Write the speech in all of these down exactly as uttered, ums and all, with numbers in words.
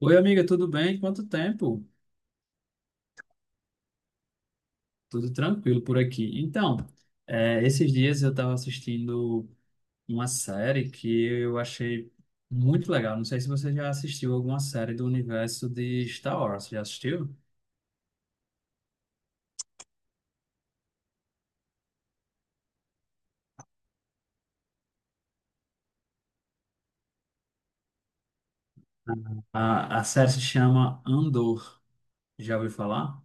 Oi, amiga, tudo bem? Quanto tempo? Tudo tranquilo por aqui. Então, eh, esses dias eu estava assistindo uma série que eu achei muito legal. Não sei se você já assistiu alguma série do universo de Star Wars. Já assistiu? A, a série se chama Andor. Já ouviu falar?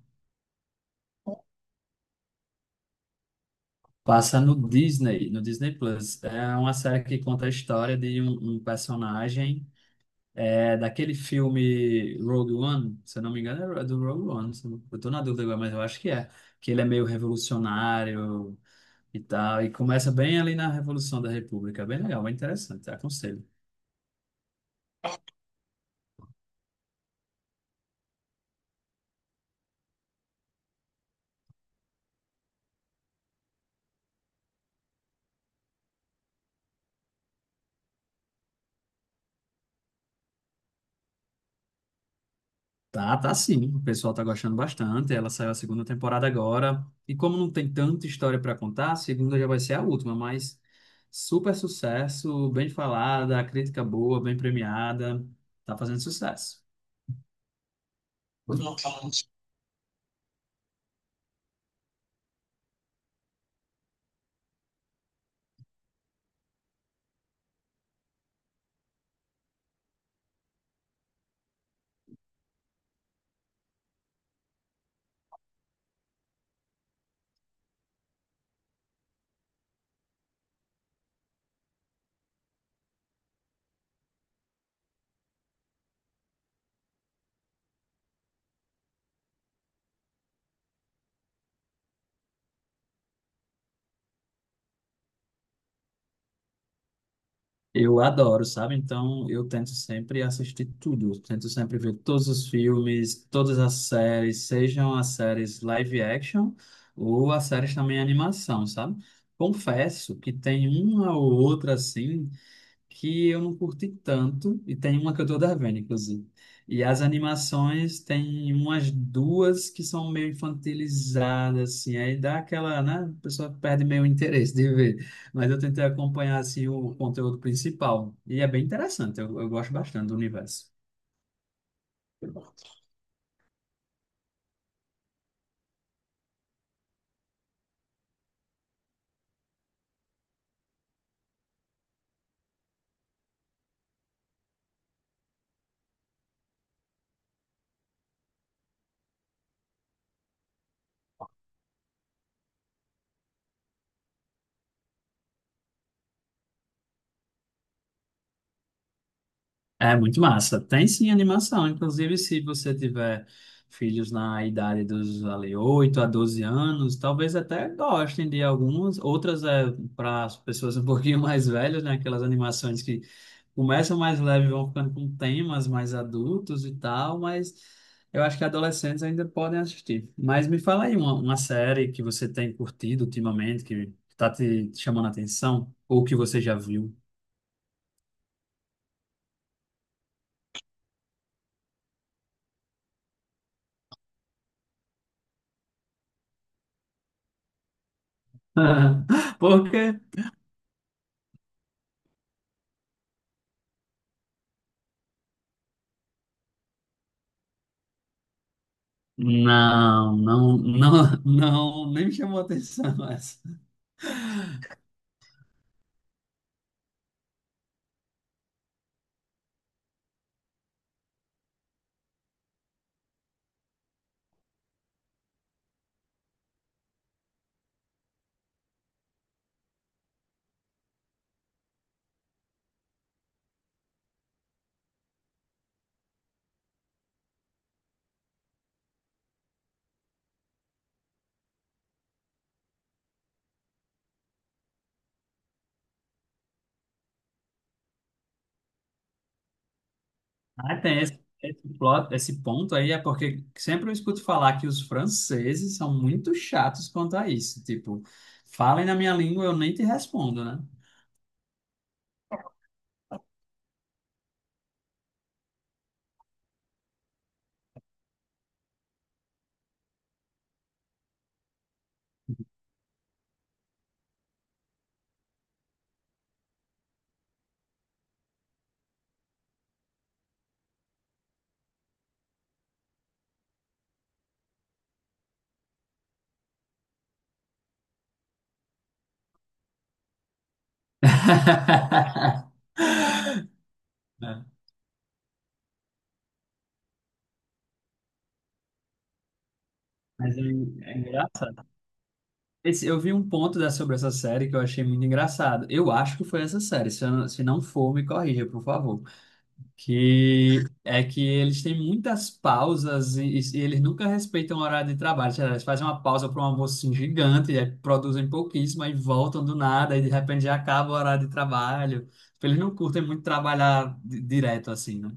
Passa no Disney, no Disney Plus. É uma série que conta a história de um, um personagem. É daquele filme Rogue One, se eu não me engano, é do Rogue One. Se Eu não- Eu tô na dúvida agora, mas eu acho que é. Que ele é meio revolucionário e tal. E começa bem ali na Revolução da República. É bem legal, bem interessante, aconselho. Tá, tá sim. O pessoal tá gostando bastante. Ela saiu a segunda temporada agora. E como não tem tanta história para contar, a segunda já vai ser a última, mas super sucesso, bem falada, crítica boa, bem premiada. Tá fazendo sucesso. Eu adoro, sabe? Então eu tento sempre assistir tudo, eu tento sempre ver todos os filmes, todas as séries, sejam as séries live action ou as séries também animação, sabe? Confesso que tem uma ou outra assim que eu não curti tanto, e tem uma que eu tô devendo, inclusive. E as animações tem umas duas que são meio infantilizadas, assim, aí dá aquela, né? A pessoa perde meio o interesse de ver. Mas eu tentei acompanhar, assim, o conteúdo principal, e é bem interessante, eu, eu gosto bastante do universo. É muito massa. Tem sim animação. Inclusive, se você tiver filhos na idade dos ali, oito a doze anos, talvez até gostem de algumas. Outras é para as pessoas um pouquinho mais velhas, né? Aquelas animações que começam mais leve, e vão ficando com temas mais adultos e tal, mas eu acho que adolescentes ainda podem assistir. Mas me fala aí uma, uma série que você tem curtido ultimamente, que está te chamando a atenção, ou que você já viu. Por quê? Não, não, não, não, nem me chamou a atenção essa. Ah, tem esse, esse plot, esse ponto aí, é porque sempre eu escuto falar que os franceses são muito chatos quanto a isso. Tipo, falem na minha língua, eu nem te respondo, né? É, mas é, é engraçado. Esse- eu vi um ponto da, sobre essa série que eu achei muito engraçado. Eu acho que foi essa série. Se, eu não- se não for, me corrija, por favor. Que é que eles têm muitas pausas e, e eles nunca respeitam o horário de trabalho. Sei lá, eles fazem uma pausa para um almoço assim, gigante, e aí produzem pouquíssimo, aí voltam do nada, e de repente já acaba o horário de trabalho. Tipo, eles não curtem muito trabalhar di- direto assim, né?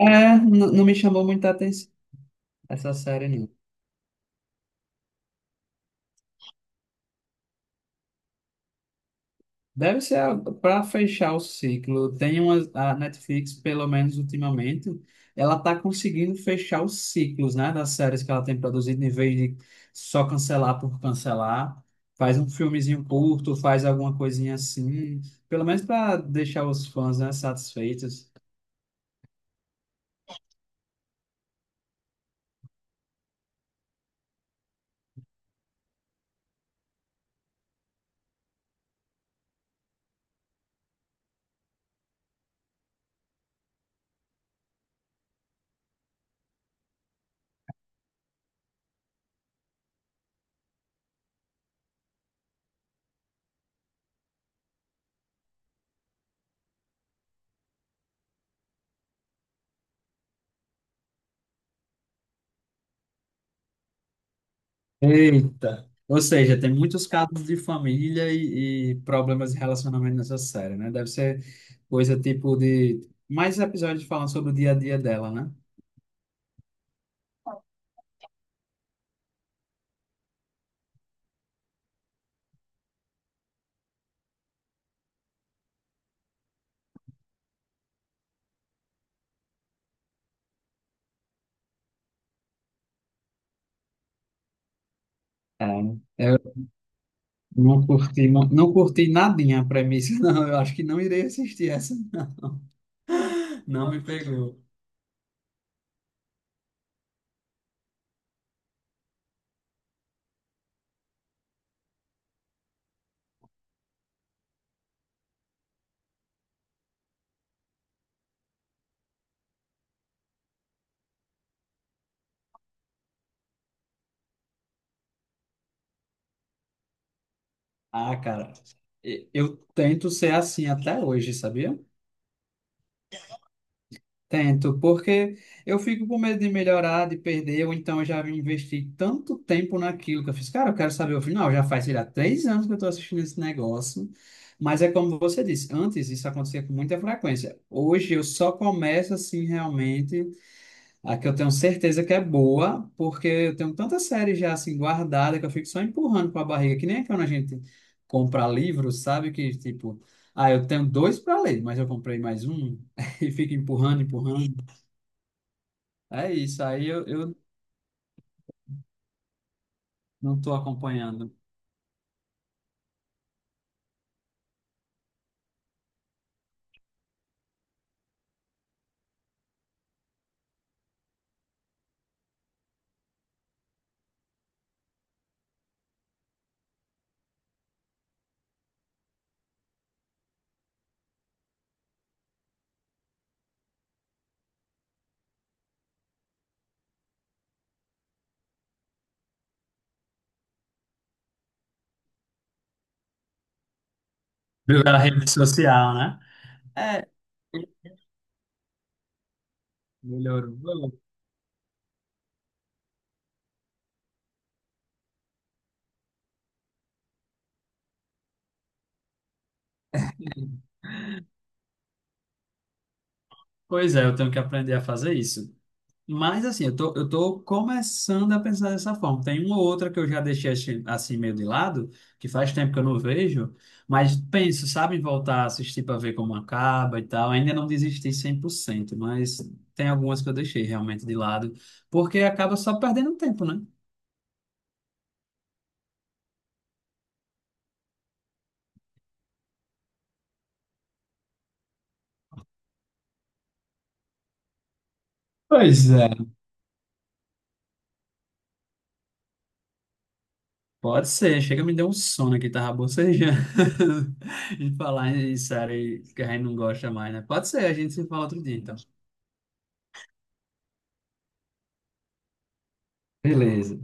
É, n- não me chamou muita atenção essa série, não. Deve ser para fechar o ciclo. Tem uma, a Netflix, pelo menos ultimamente, ela está conseguindo fechar os ciclos, né, das séries que ela tem produzido, em vez de só cancelar por cancelar. Faz um filmezinho curto, faz alguma coisinha assim, pelo menos para deixar os fãs, né, satisfeitos. Eita! Ou seja, tem muitos casos de família e, e problemas de relacionamento nessa série, né? Deve ser coisa tipo de mais episódios falando sobre o dia a dia dela, né? É, eu não curti, não, não curti nadinha a premissa, não. Eu acho que não irei assistir essa. Não me pegou. Ah, cara, e- eu tento ser assim até hoje, sabia? Tento, porque eu fico com medo de melhorar, de perder, ou então eu já investi tanto tempo naquilo que eu fiz. Cara, eu quero saber o final. Já faz, sei lá, três anos que eu estou assistindo esse negócio. Mas é como você disse, antes isso acontecia com muita frequência. Hoje eu só começo assim realmente. A que eu tenho certeza que é boa, porque eu tenho tanta série já assim guardada que eu fico só empurrando com a barriga, que nem é quando a gente compra livros, sabe? Que tipo, ah, eu tenho dois para ler, mas eu comprei mais um e fico empurrando, empurrando. É isso, aí eu, eu não estou acompanhando. Pela rede social, né? É, melhorou. Pois é, eu tenho que aprender a fazer isso. Mas assim, eu tô, eu tô começando a pensar dessa forma. Tem uma ou outra que eu já deixei assim, assim meio de lado, que faz tempo que eu não vejo, mas penso, sabe, em voltar a assistir para ver como acaba e tal. Ainda não desisti cem por cento, mas tem algumas que eu deixei realmente de lado, porque acaba só perdendo tempo, né? Pois é. Pode ser, chega me deu um sono aqui, tava bocejando. E falar em série que a gente não gosta mais, né? Pode ser, a gente se fala outro dia, então. Beleza.